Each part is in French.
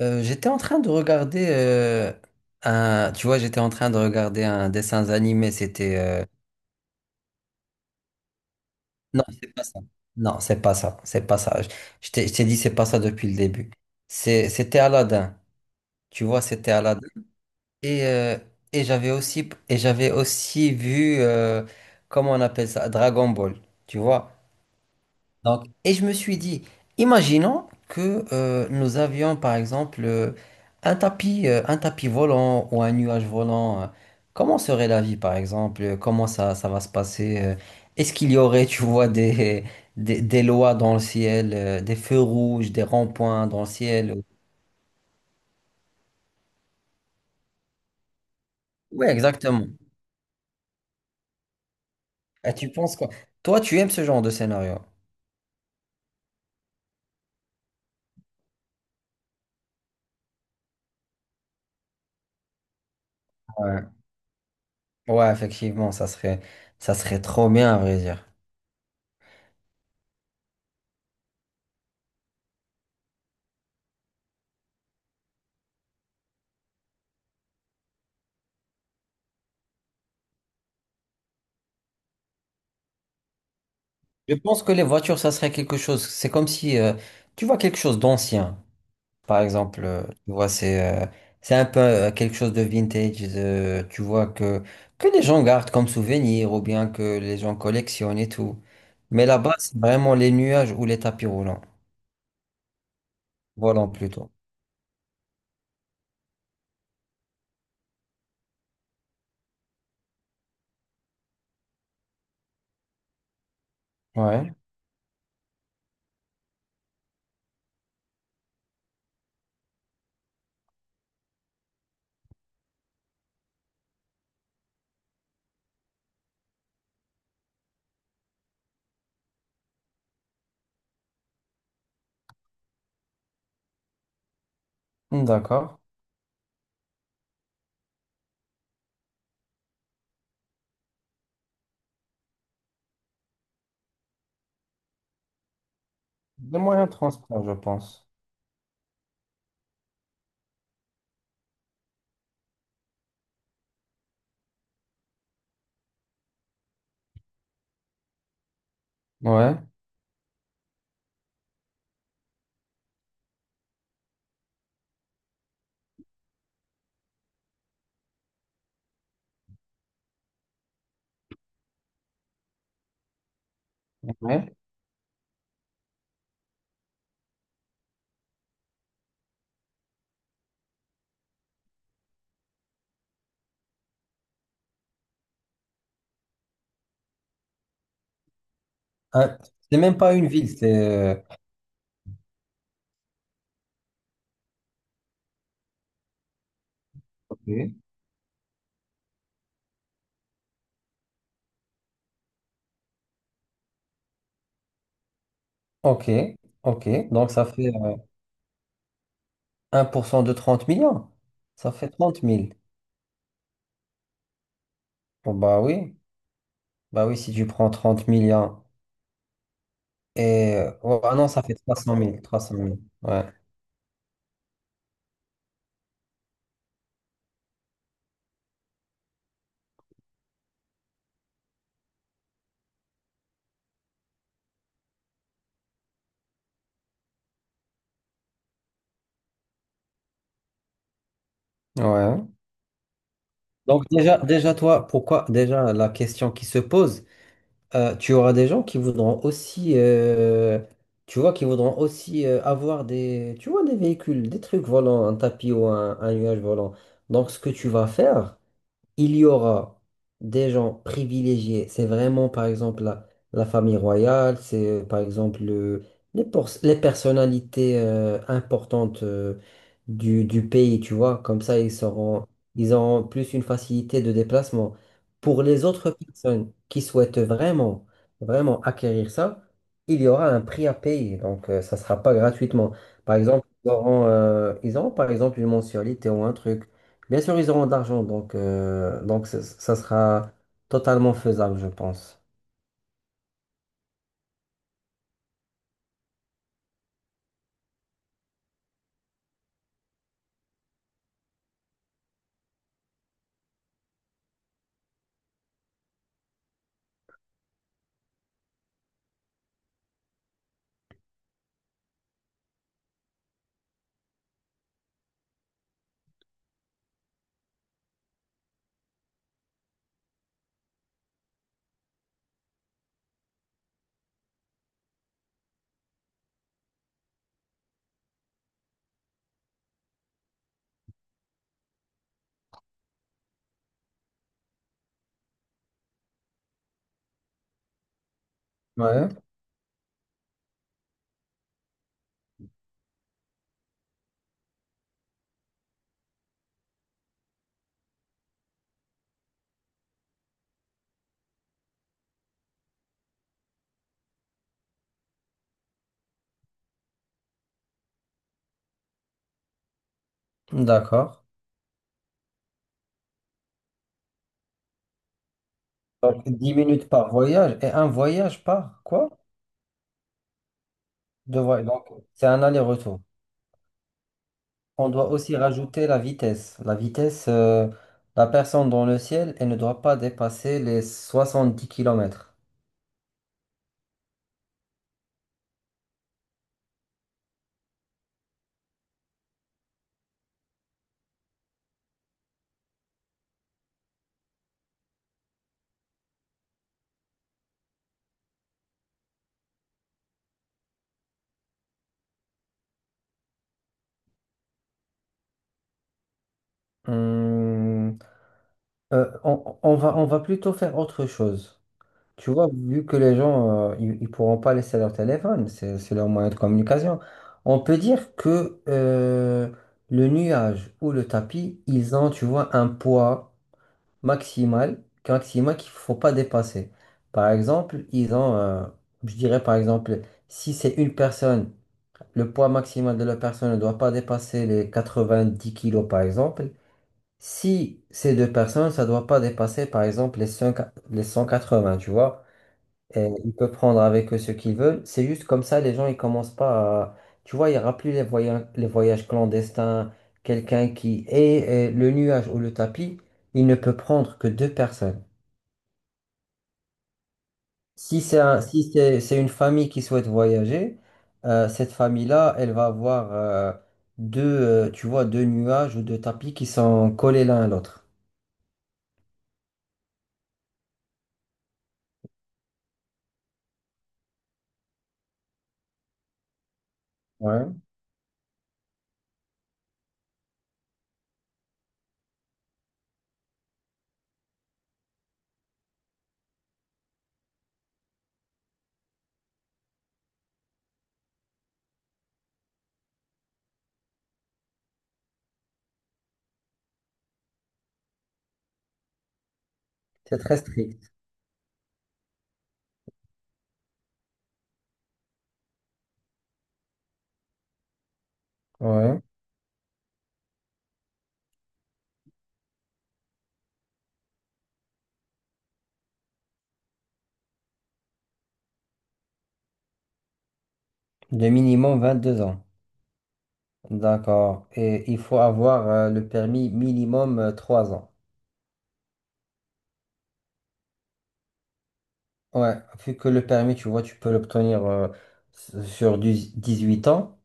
J'étais en train de regarder j'étais en train de regarder un dessin animé. C'était non, c'est pas ça. Non, c'est pas ça. C'est pas ça. Je t'ai je t'ai dit c'est pas ça depuis le début. C'était Aladdin. Tu vois, c'était Aladdin. Et euh, et j'avais aussi vu comment on appelle ça, Dragon Ball. Tu vois. Donc, et je me suis dit, imaginons que nous avions par exemple un tapis volant ou un nuage volant. Comment serait la vie par exemple? Comment ça, ça va se passer? Est-ce qu'il y aurait, tu vois, des lois dans le ciel, des feux rouges, des ronds-points dans le ciel? Oui, exactement. Et tu penses quoi? Toi, tu aimes ce genre de scénario? Ouais, ouais, effectivement, ça serait trop bien à vrai dire. Je pense que les voitures, ça serait quelque chose. C'est comme si tu vois quelque chose d'ancien, par exemple. Tu vois, c'est un peu quelque chose de vintage. Tu vois que les gens gardent comme souvenir ou bien que les gens collectionnent et tout. Mais là-bas, c'est vraiment les nuages ou les tapis roulants. Volants plutôt. Ouais. D'accord. Des moyens de transport, je pense. Ouais. Ouais. Ah, c'est même pas une ville, c'est. Ok. Ok. Ok. Donc ça fait. Un pour cent de 30 millions, ça fait 30 000. Bon, bah oui, si tu prends 30 millions et ah non, ça fait 300 000 300 000. Ouais. Ouais. Donc déjà, déjà, toi, pourquoi, déjà, la question qui se pose, tu auras des gens qui voudront aussi, tu vois, qui voudront aussi avoir des, tu vois, des véhicules, des trucs volants, un tapis ou un nuage volant. Donc, ce que tu vas faire, il y aura des gens privilégiés. C'est vraiment, par exemple, la famille royale, c'est, par exemple, les personnalités importantes du pays, tu vois. Comme ça, ils seront, ils auront plus une facilité de déplacement. Pour les autres personnes qui souhaitent vraiment, vraiment acquérir ça, il y aura un prix à payer. Donc, ça ne sera pas gratuitement. Par exemple, ils auront, par exemple, une mensualité ou un truc. Bien sûr, ils auront de l'argent, donc ça sera totalement faisable, je pense. Ouais, d'accord. Donc, 10 minutes par voyage et un voyage par quoi? Deux voyages. Donc, c'est un aller-retour. On doit aussi rajouter la vitesse. La personne dans le ciel, elle ne doit pas dépasser les 70 km. on, on va plutôt faire autre chose. Tu vois, vu que les gens, ils pourront pas laisser leur téléphone, c'est leur moyen de communication. On peut dire que le nuage ou le tapis, ils ont, tu vois, un poids maximal, maximal qu'il faut pas dépasser. Par exemple, je dirais par exemple, si c'est une personne, le poids maximal de la personne ne doit pas dépasser les 90 kilos, par exemple. Si c'est deux personnes, ça ne doit pas dépasser, par exemple, les 180, tu vois. Et ils peuvent prendre avec eux ce qu'ils veulent. C'est juste comme ça, les gens, ils commencent pas à... Tu vois, il n'y aura plus les voyages clandestins, quelqu'un qui est le nuage ou le tapis, il ne peut prendre que deux personnes. Si c'est une famille qui souhaite voyager, cette famille-là, elle va avoir tu vois, deux nuages ou deux tapis qui sont collés l'un à l'autre. Ouais. C'est très strict. Ouais. De minimum 22 ans. D'accord. Et il faut avoir le permis minimum 3 ans. Ouais, vu que le permis, tu vois, tu peux l'obtenir sur 18 ans.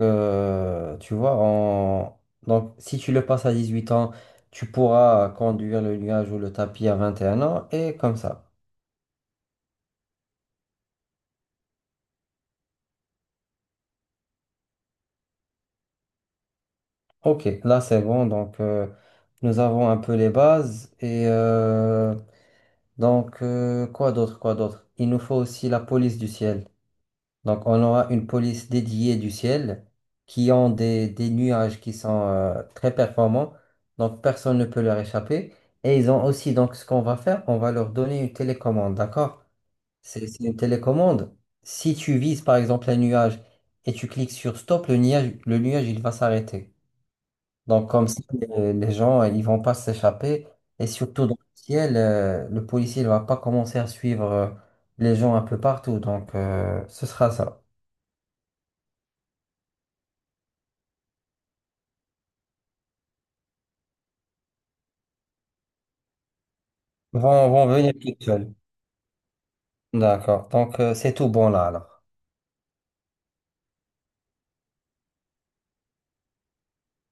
euh, tu vois, en... donc si tu le passes à 18 ans, tu pourras conduire le nuage ou le tapis à 21 ans et comme ça. Ok, là c'est bon. Nous avons un peu les bases. Donc, quoi d'autre? Il nous faut aussi la police du ciel. Donc, on aura une police dédiée du ciel qui ont des nuages qui sont très performants. Donc, personne ne peut leur échapper. Et ils ont aussi, donc, ce qu'on va faire, on va leur donner une télécommande, d'accord? C'est une télécommande. Si tu vises, par exemple, un nuage et tu cliques sur stop, le nuage, il va s'arrêter. Donc, comme ça, les gens, ils vont pas s'échapper. Et surtout, dans le ciel, le policier ne va pas commencer à suivre les gens un peu partout. Donc, ce sera ça. Vont venir toutes seules. D'accord. Donc, c'est tout bon là, alors.